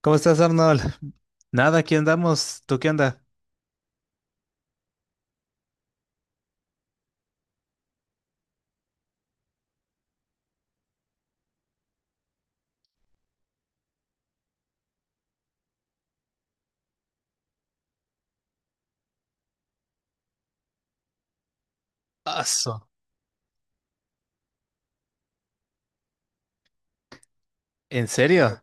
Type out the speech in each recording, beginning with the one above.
¿Cómo estás, Arnold? Nada, aquí andamos. ¿Tú qué anda? Aso. ¿En serio?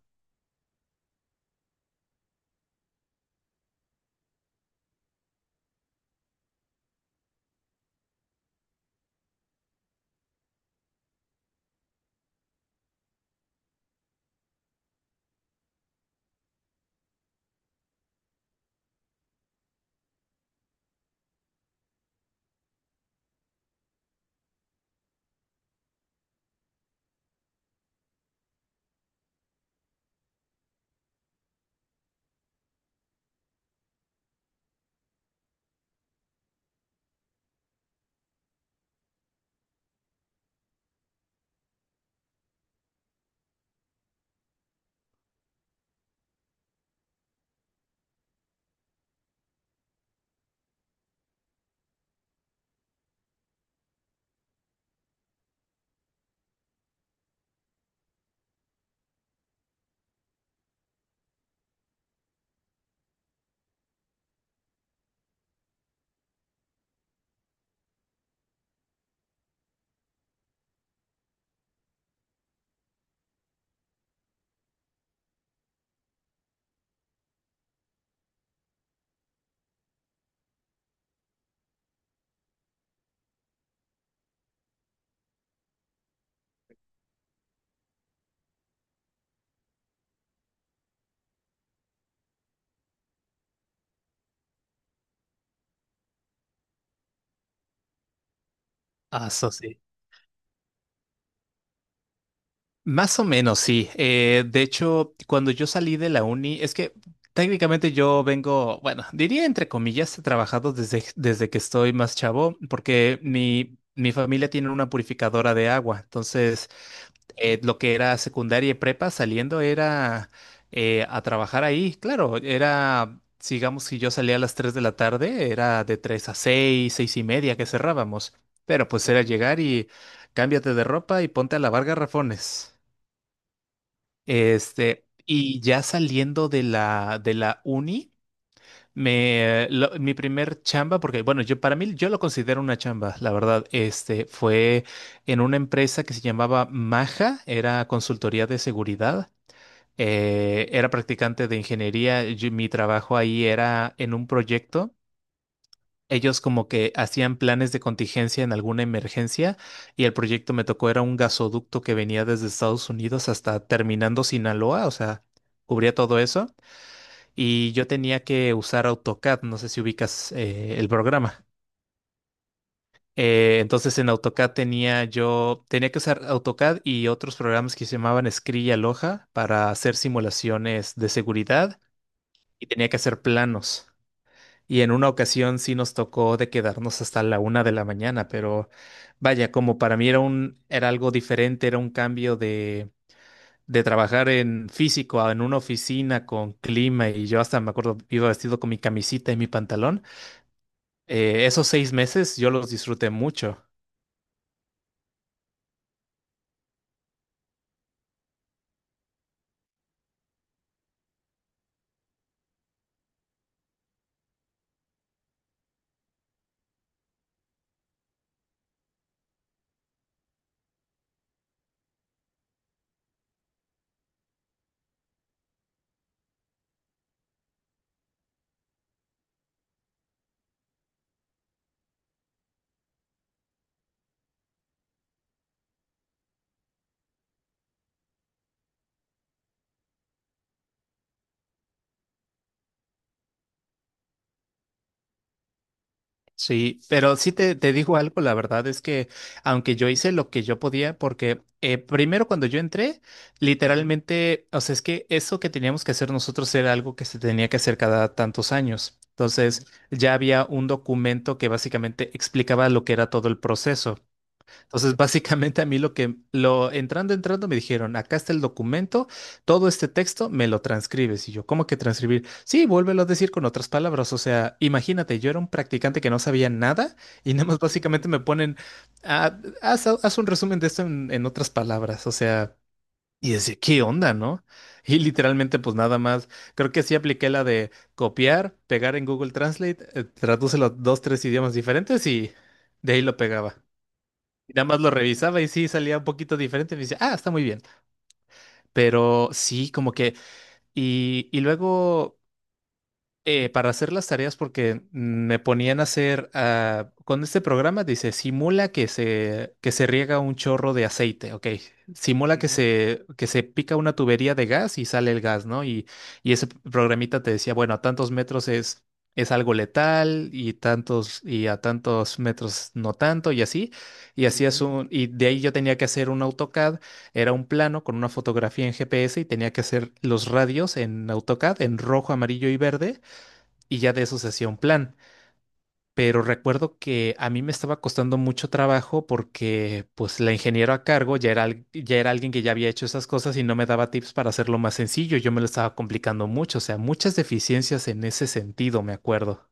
Aso, sí. Más o menos, sí. De hecho, cuando yo salí de la uni, es que técnicamente yo vengo, bueno, diría entre comillas, he trabajado desde que estoy más chavo, porque mi familia tiene una purificadora de agua. Entonces, lo que era secundaria y prepa saliendo era a trabajar ahí. Claro, era, digamos, si yo salía a las 3 de la tarde, era de 3 a 6 6 y media que cerrábamos. Pero pues era llegar y cámbiate de ropa y ponte a lavar garrafones. Este, y ya saliendo de de la uni. Mi primer chamba, porque bueno, yo para mí yo lo considero una chamba, la verdad, este fue en una empresa que se llamaba Maja, era consultoría de seguridad, era practicante de ingeniería, mi trabajo ahí era en un proyecto, ellos como que hacían planes de contingencia en alguna emergencia y el proyecto me tocó era un gasoducto que venía desde Estados Unidos hasta terminando Sinaloa, o sea, cubría todo eso y yo tenía que usar AutoCAD, no sé si ubicas el programa. Entonces en AutoCAD tenía que usar AutoCAD y otros programas que se llamaban Scri y Aloha para hacer simulaciones de seguridad y tenía que hacer planos. Y en una ocasión sí nos tocó de quedarnos hasta la una de la mañana, pero vaya, como para mí era era algo diferente, era un cambio de trabajar en físico, en una oficina con clima y yo hasta me acuerdo, iba vestido con mi camisita y mi pantalón. Esos seis meses yo los disfruté mucho. Sí, pero sí te digo algo, la verdad es que aunque yo hice lo que yo podía, porque primero cuando yo entré, literalmente, o sea, es que eso que teníamos que hacer nosotros era algo que se tenía que hacer cada tantos años. Entonces, ya había un documento que básicamente explicaba lo que era todo el proceso. Entonces, básicamente a mí lo que lo entrando me dijeron, acá está el documento, todo este texto me lo transcribes. Y yo, ¿cómo que transcribir? Sí, vuélvelo a decir con otras palabras. O sea, imagínate, yo era un practicante que no sabía nada y nada más básicamente me ponen, "Ah, haz un resumen de esto en otras palabras". O sea, y decía, ¿qué onda, no? Y literalmente, pues nada más, creo que sí apliqué la de copiar, pegar en Google Translate, tradúcelo a dos, tres idiomas diferentes y de ahí lo pegaba. Y nada más lo revisaba y sí salía un poquito diferente. Me dice, ah, está muy bien. Pero sí, como que. Y luego para hacer las tareas porque me ponían a hacer, ah, con este programa dice, simula que que se riega un chorro de aceite, ok, simula que Ujú. Que se pica una tubería de gas y sale el gas, ¿no? Y ese programita te decía, bueno, a tantos metros es algo letal y tantos, y a tantos metros no tanto y así, y hacías y de ahí yo tenía que hacer un AutoCAD, era un plano con una fotografía en GPS y tenía que hacer los radios en AutoCAD en rojo, amarillo y verde y ya de eso se hacía un plan. Pero recuerdo que a mí me estaba costando mucho trabajo porque pues la ingeniera a cargo ya ya era alguien que ya había hecho esas cosas y no me daba tips para hacerlo más sencillo. Yo me lo estaba complicando mucho, o sea, muchas deficiencias en ese sentido, me acuerdo.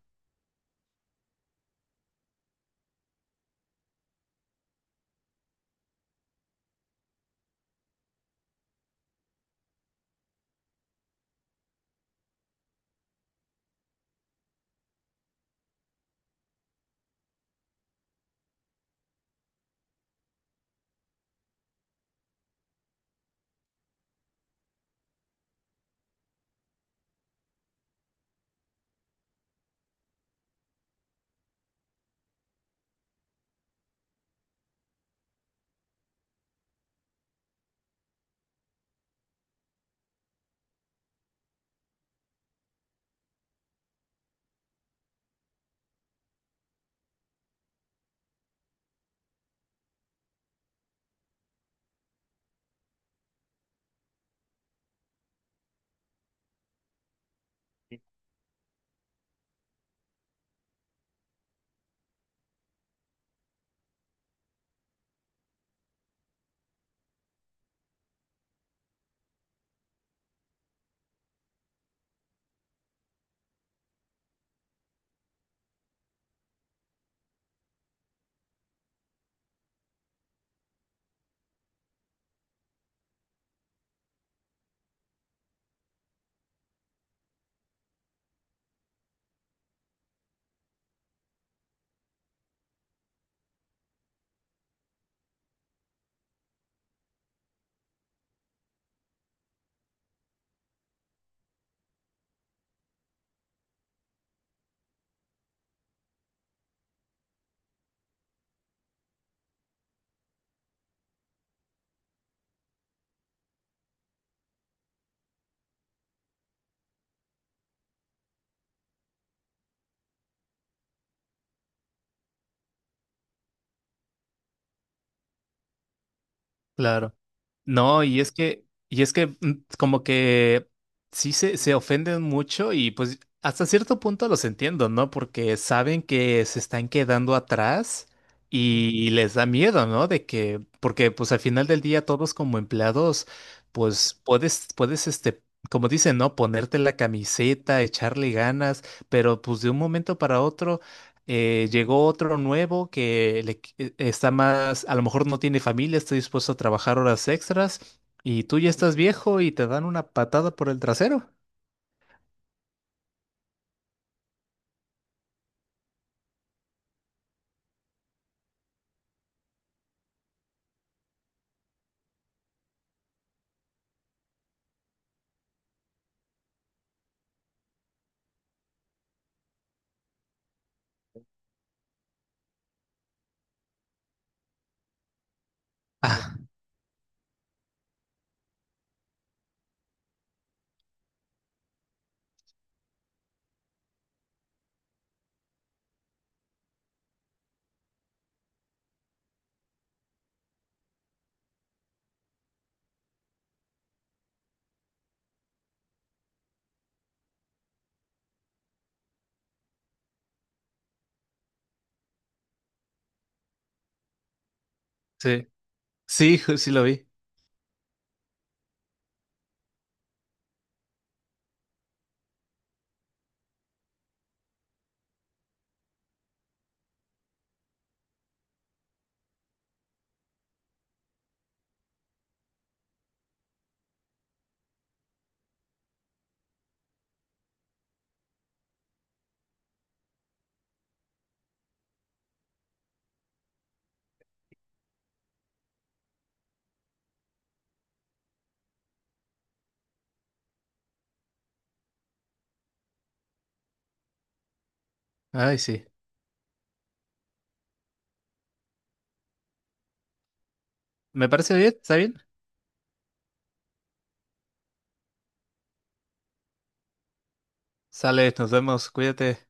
Claro. No, y es que como que sí se ofenden mucho y pues hasta cierto punto los entiendo, ¿no? Porque saben que se están quedando atrás y les da miedo, ¿no? De que, porque pues al final del día todos como empleados, pues puedes este, como dicen, ¿no? Ponerte la camiseta, echarle ganas, pero pues de un momento para otro. Llegó otro nuevo que está más, a lo mejor no tiene familia, está dispuesto a trabajar horas extras y tú ya estás viejo y te dan una patada por el trasero. Ah, sí, sí, sí lo vi. Ay, sí. Me parece bien, está bien. Sale, nos vemos, cuídate.